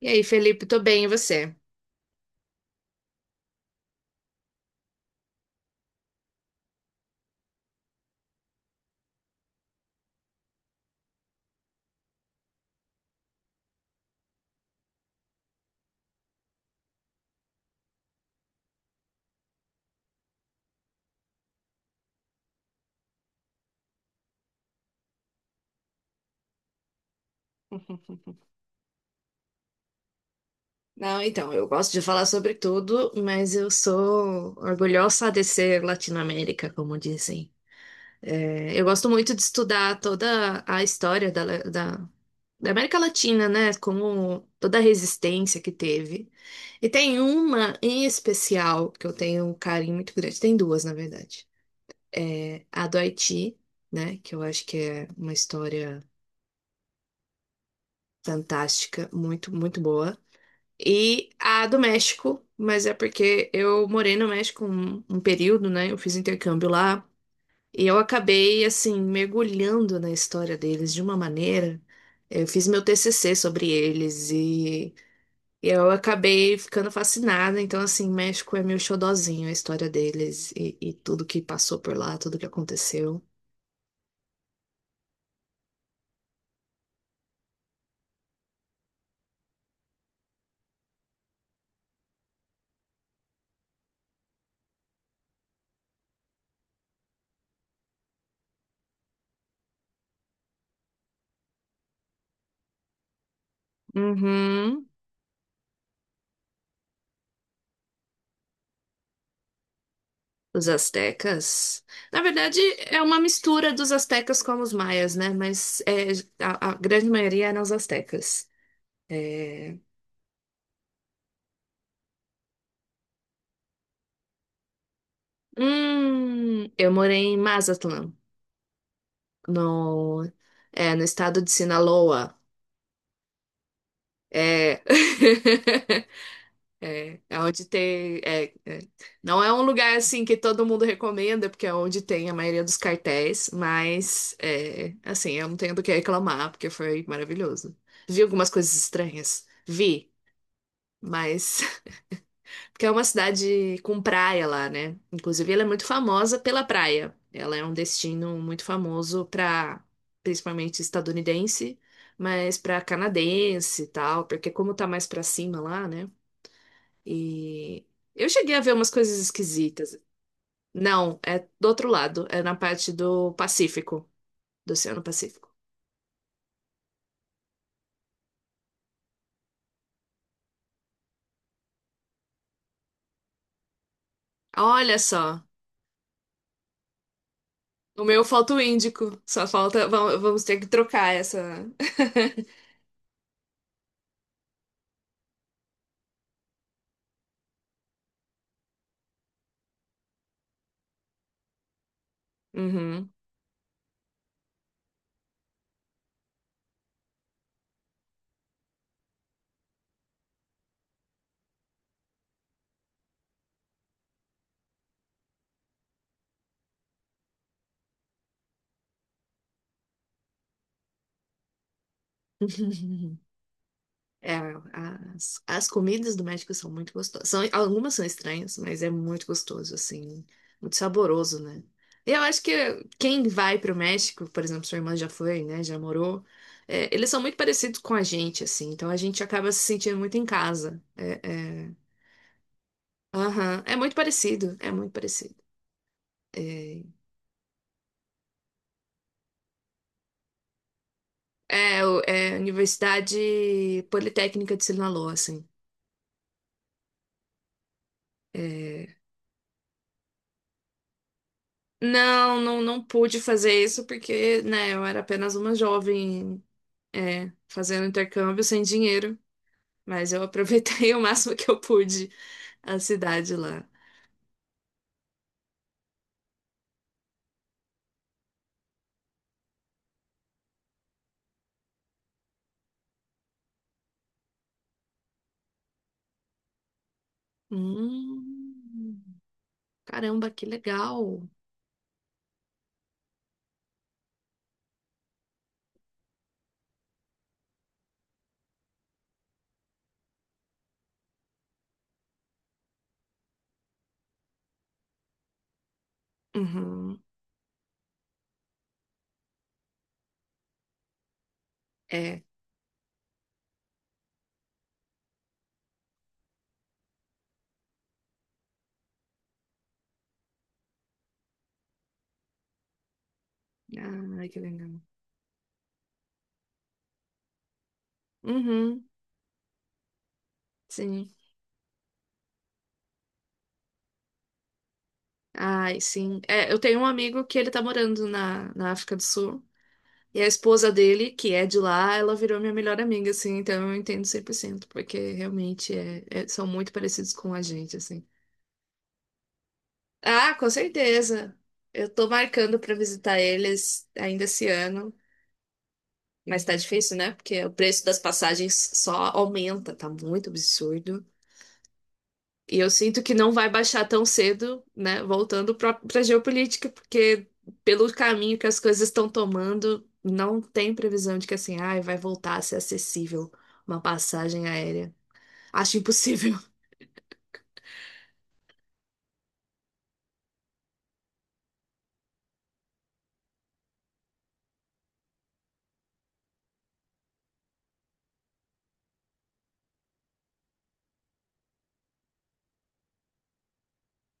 E aí, Felipe, tô bem, e você? Não, então, eu gosto de falar sobre tudo, mas eu sou orgulhosa de ser Latinoamérica, como dizem. É, eu gosto muito de estudar toda a história da América Latina, né? Como toda a resistência que teve. E tem uma em especial que eu tenho um carinho muito grande. Tem duas, na verdade. É a do Haiti, né? Que eu acho que é uma história fantástica, muito, muito boa. E a do México, mas é porque eu morei no México um período, né? Eu fiz intercâmbio lá. E eu acabei, assim, mergulhando na história deles de uma maneira. Eu fiz meu TCC sobre eles e eu acabei ficando fascinada. Então, assim, México é meu xodozinho, a história deles e tudo que passou por lá, tudo que aconteceu. Uhum. Os astecas. Na verdade, é uma mistura dos astecas com os maias, né? A grande maioria eram os astecas. É, eu morei em Mazatlán, no, no estado de Sinaloa. É. É, é onde tem. É, é. Não é um lugar assim que todo mundo recomenda, porque é onde tem a maioria dos cartéis, mas é, assim, eu não tenho do que reclamar, porque foi maravilhoso. Vi algumas coisas estranhas. Vi, mas. Porque é uma cidade com praia lá, né? Inclusive, ela é muito famosa pela praia. Ela é um destino muito famoso para, principalmente estadunidense, mas para canadense e tal, porque como tá mais para cima lá, né? E eu cheguei a ver umas coisas esquisitas. Não, é do outro lado, é na parte do Pacífico, do Oceano Pacífico. Olha só, o meu falta o Índico, só falta, vamos ter que trocar essa. Uhum. É, as comidas do México são muito gostosas. São, algumas são estranhas, mas é muito gostoso, assim, muito saboroso, né? E eu acho que quem vai para o México, por exemplo, sua irmã já foi, né? Já morou. É, eles são muito parecidos com a gente, assim, então a gente acaba se sentindo muito em casa. É, aham, é muito parecido, é muito parecido. É, é a Universidade Politécnica de Sinaloa, assim. É, não, não, não pude fazer isso porque, né, eu era apenas uma jovem, é, fazendo intercâmbio sem dinheiro, mas eu aproveitei o máximo que eu pude a cidade lá. Hum, caramba, que legal. Uhum, é. Ai, que legal. Uhum, sim. Ai, sim. É, eu tenho um amigo que ele tá morando na África do Sul. E a esposa dele, que é de lá, ela virou minha melhor amiga, assim, então eu entendo 100% porque realmente são muito parecidos com a gente, assim. Ah, com certeza. Eu tô marcando pra visitar eles ainda esse ano, mas tá difícil, né? Porque o preço das passagens só aumenta, tá muito absurdo. E eu sinto que não vai baixar tão cedo, né? Voltando para a geopolítica, porque pelo caminho que as coisas estão tomando, não tem previsão de que assim, ai, vai voltar a ser acessível uma passagem aérea. Acho impossível.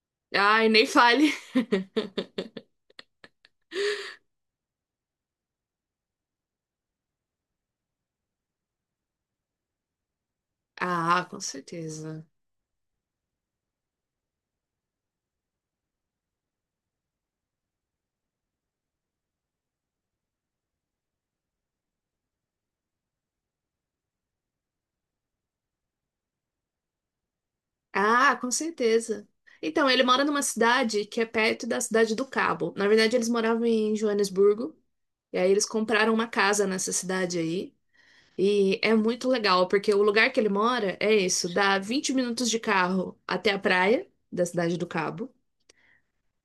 Ai, nem fale. Ah, com certeza. Ah, com certeza. Então, ele mora numa cidade que é perto da cidade do Cabo. Na verdade, eles moravam em Joanesburgo, e aí eles compraram uma casa nessa cidade aí. E é muito legal, porque o lugar que ele mora é isso, dá 20 minutos de carro até a praia da Cidade do Cabo.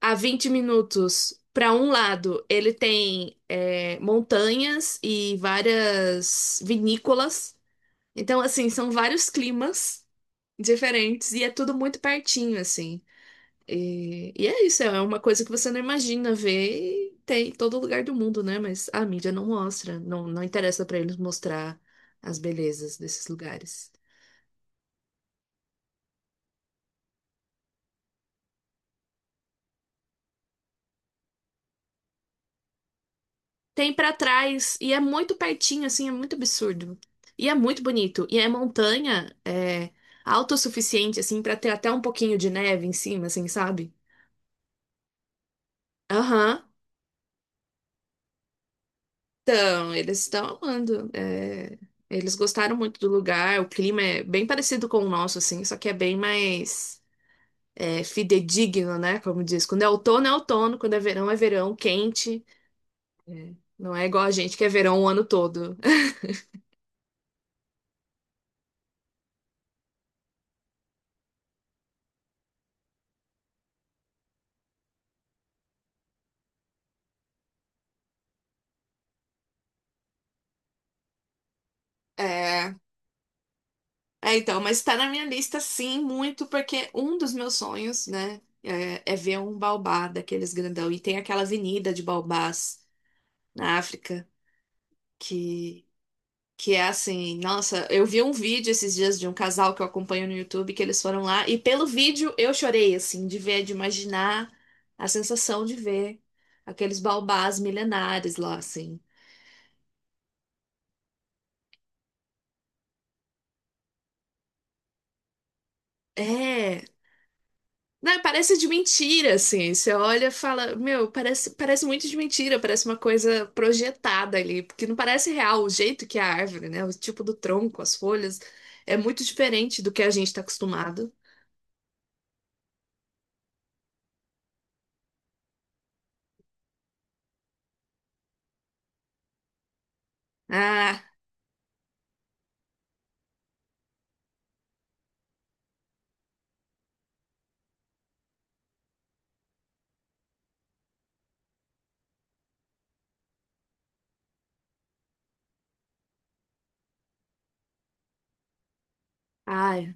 A 20 minutos para um lado, ele tem é, montanhas e várias vinícolas. Então, assim, são vários climas diferentes e é tudo muito pertinho, assim. E é isso, é uma coisa que você não imagina ver e tem em todo lugar do mundo, né? Mas a mídia não mostra, não, não interessa pra eles mostrar as belezas desses lugares. Tem pra trás e é muito pertinho, assim, é muito absurdo. E é muito bonito. E é montanha, é autossuficiente, assim, pra ter até um pouquinho de neve em cima, assim, sabe? Aham. Então, eles estão amando. É, eles gostaram muito do lugar, o clima é bem parecido com o nosso, assim, só que é bem mais. É, fidedigno, né? Como diz, quando é outono, quando é verão, quente. Não é igual a gente que é verão o ano todo. É, então, mas tá na minha lista sim, muito, porque um dos meus sonhos, né, é ver um baobá daqueles grandão. E tem aquela avenida de baobás na África, que Que é assim, nossa, eu vi um vídeo esses dias de um casal que eu acompanho no YouTube, que eles foram lá, e pelo vídeo eu chorei, assim, de ver, de imaginar a sensação de ver aqueles baobás milenares lá, assim. É, né, parece de mentira, assim, você olha e fala, meu, parece, parece muito de mentira, parece uma coisa projetada ali, porque não parece real o jeito que é a árvore, né, o tipo do tronco, as folhas, é muito diferente do que a gente tá acostumado. Ah, ai.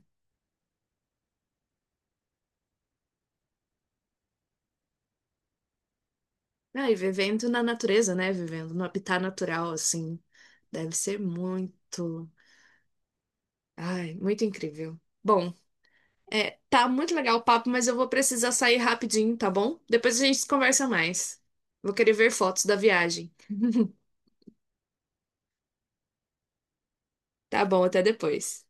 Não, e vivendo na natureza, né? Vivendo no habitat natural, assim. Deve ser muito. Ai, muito incrível. Bom, tá muito legal o papo, mas eu vou precisar sair rapidinho, tá bom? Depois a gente conversa mais. Vou querer ver fotos da viagem. Tá bom, até depois.